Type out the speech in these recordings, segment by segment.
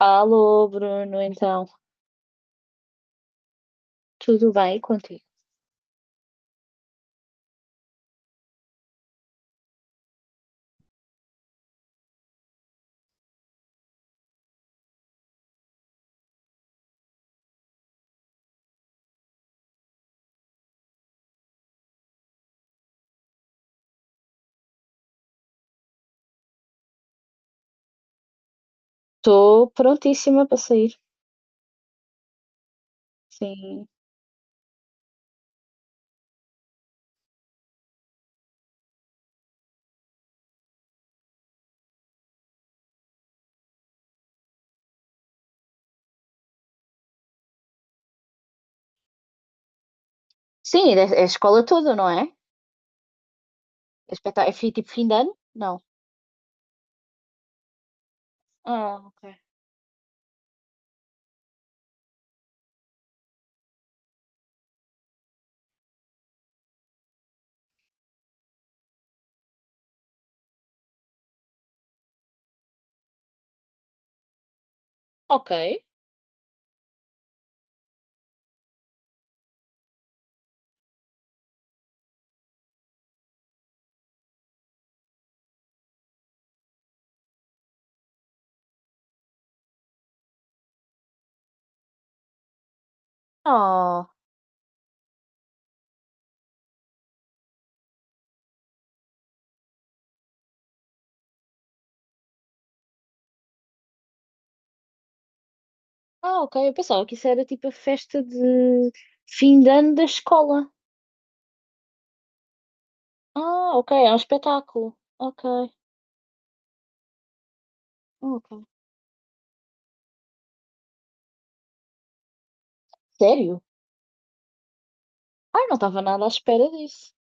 Alô, Bruno, então, tudo bem contigo? Estou prontíssima para sair. Sim. Sim, é a escola toda, não é? É, tipo fim de ano? Não. Ah, ok. Ok. Oh. Ah, ok. Eu pensava que isso era tipo a festa de fim de ano da escola. Ah, ok. É um espetáculo. Ok. Ok. Sério? Ai, não estava nada à espera disso.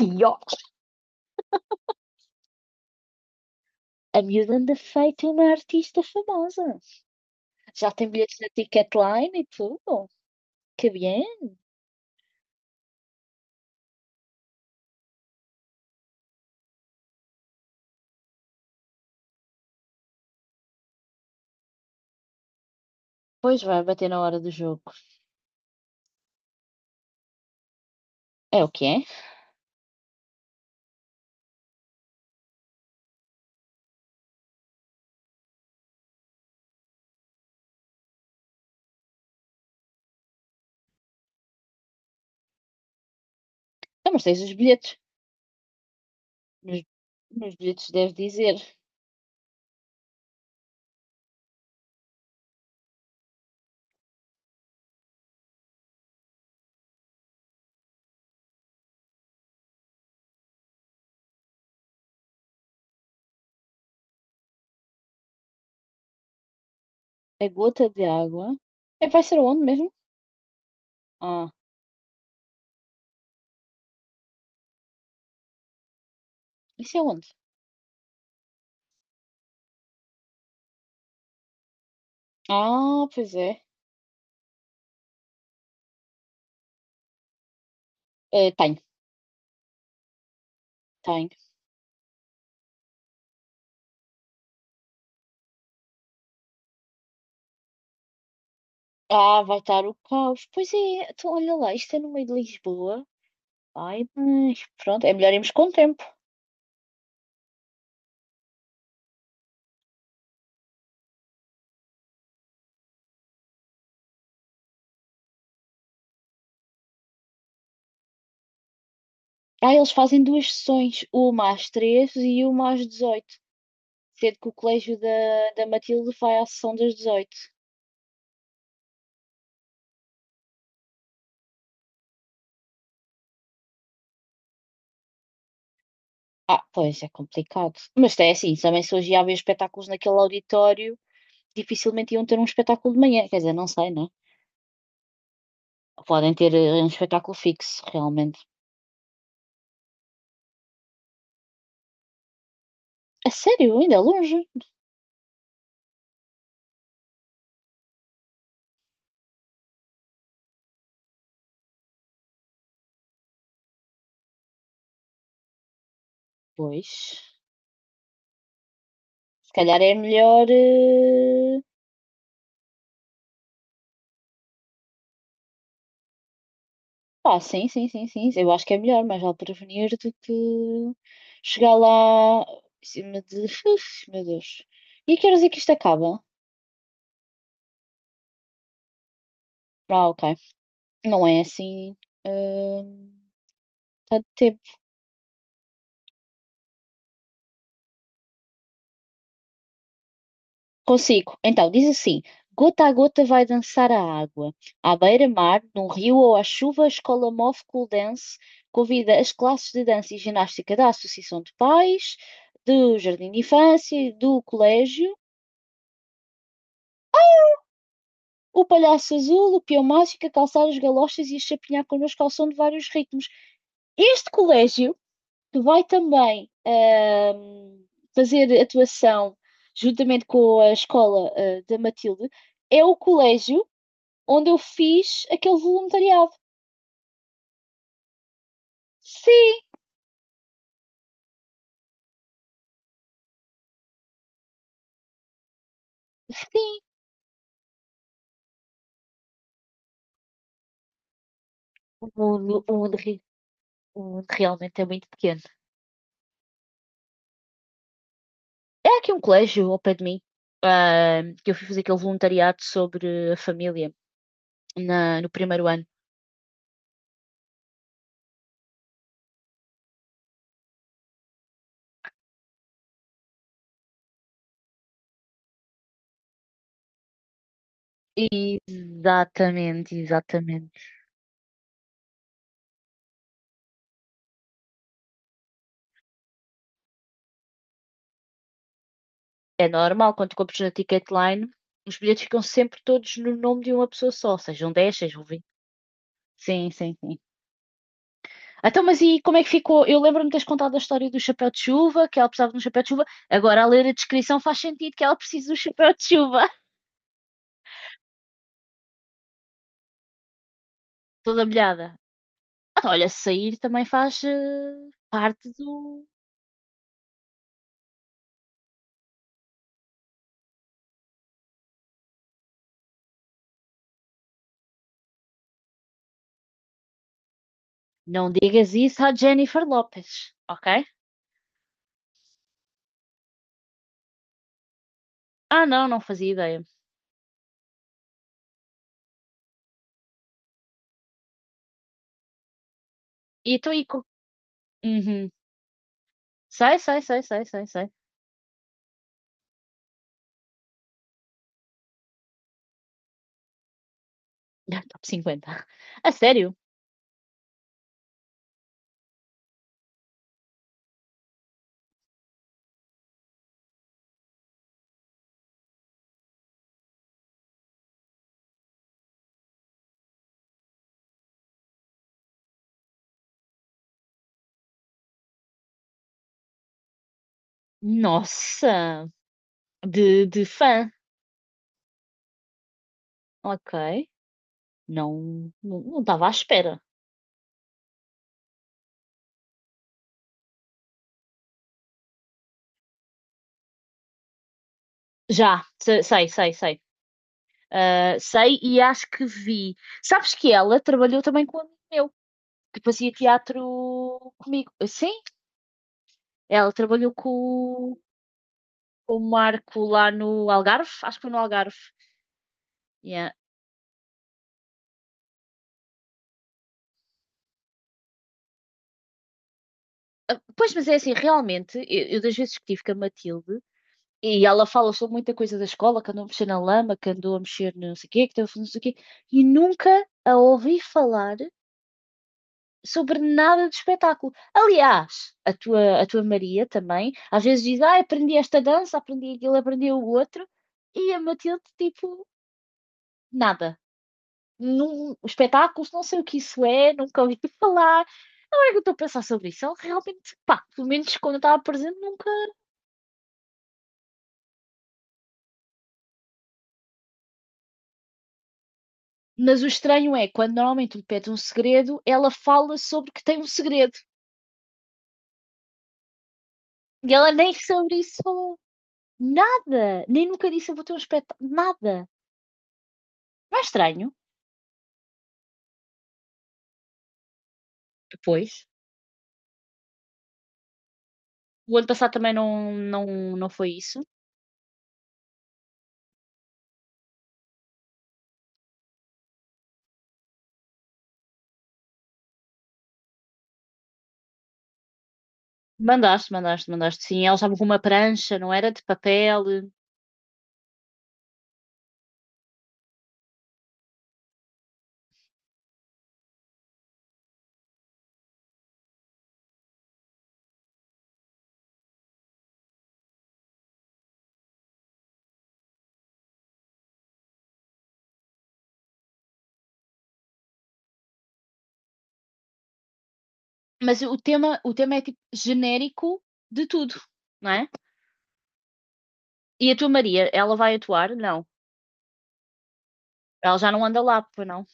Pior. A miúda anda feita uma artista famosa. Já tem bilhetes na Ticketline e tudo. Que bem. Pois vai bater na hora do jogo. É o que é? Ah, mas tens os bilhetes. Nos, nos bilhetes deve dizer a gota de água. É, vai ser onde mesmo? Ah, isso é onde? Ah, pois é. Tenho, tenho. Ah, vai estar o caos. Pois é, então olha lá, isto é no meio de Lisboa. Ai, mas pronto, é melhor irmos com o tempo. Ah, eles fazem duas sessões, uma às 13 e uma às 18. Sendo que o colégio da Matilde vai à sessão das 18. Ah, pois é complicado. Mas é assim, também se hoje ia haver espetáculos naquele auditório, dificilmente iam ter um espetáculo de manhã. Quer dizer, não sei, né? Podem ter um espetáculo fixo, realmente. A sério, ainda é longe? Pois. Se calhar é melhor. Pá, sim, sim, sim, sim. Eu acho que é melhor, mas vale prevenir do que chegar lá em cima de. Uf, meu Deus. E a que horas é que isto acaba? Ah, ok. Não é assim. eh, Tanto tempo. Consigo. Então, diz assim: gota a gota vai dançar a água. À beira-mar, num rio ou à chuva, a escola Move Cool Dance convida as classes de dança e ginástica da Associação de Pais, do Jardim de Infância, e do Colégio, o Palhaço Azul, o Peão Mágico, a calçar as galochas e a chapinhar connosco ao som de vários ritmos. Este colégio que vai também fazer atuação juntamente com a escola da Matilde é o colégio onde eu fiz aquele voluntariado. Sim, sim. O mundo, o mundo, o mundo realmente é muito pequeno. É aqui um colégio ao pé de mim que eu fui fazer aquele voluntariado sobre a família no primeiro ano. Exatamente, exatamente. É normal quando compras na Ticketline, os bilhetes ficam sempre todos no nome de uma pessoa só, sejam 10, sejam 20. Sim, sim, sim. Então, mas e como é que ficou? Eu lembro-me de teres contado a história do chapéu de chuva, que ela precisava de um chapéu de chuva. Agora, a ler a descrição, faz sentido que ela precise do chapéu de chuva, toda molhada. Ah, olha, sair também faz parte do. Não digas isso à Jennifer Lopez, ok? Ah, não, não fazia ideia. E então. Uhum. Sei, sei, sei, sei, sei, sei. Ah, top 50. A sério? Nossa! De fã. Ok. Não, não estava à espera. Já, sei, sei, sei. Ah, sei e acho que vi. Sabes que ela trabalhou também com um amigo meu, que fazia teatro comigo. Sim, ela trabalhou o- com o Marco lá no Algarve, acho que foi no Algarve. Yeah. Ah, pois, mas é assim, realmente, eu das vezes que tive com a Matilde, e ela fala sobre muita coisa da escola, que andou a mexer na lama, que andou a mexer no não sei o quê, que estava a fazer não sei o quê, e nunca a ouvi falar sobre nada de espetáculo. Aliás, a tua Maria também, às vezes diz, ah, aprendi esta dança, aprendi aquilo, aprendi o outro, e a Matilde, tipo, nada. Num, espetáculos, não sei o que isso é, nunca ouvi falar. Agora que eu estou a pensar sobre isso, ela realmente, pá, pelo menos quando eu estava presente, nunca. Mas o estranho é, quando normalmente lhe pede um segredo, ela fala sobre que tem um segredo. E ela nem sobre isso falou. Nada! Nem nunca disse eu vou ter um espetáculo. Nada! Não é estranho? Depois. O ano passado também não foi isso. Mandaste, mandaste, mandaste sim. Elas estavam com uma prancha, não era de papel, mas o tema é, tipo, genérico de tudo, não é. E a tua Maria, ela vai atuar? Não. Ela já não anda lá, pois não?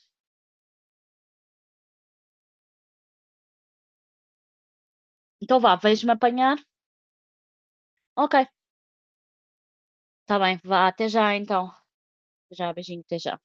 Então vá, vens-me apanhar? Ok, está bem, vá, até já então. Até já, beijinho, até já.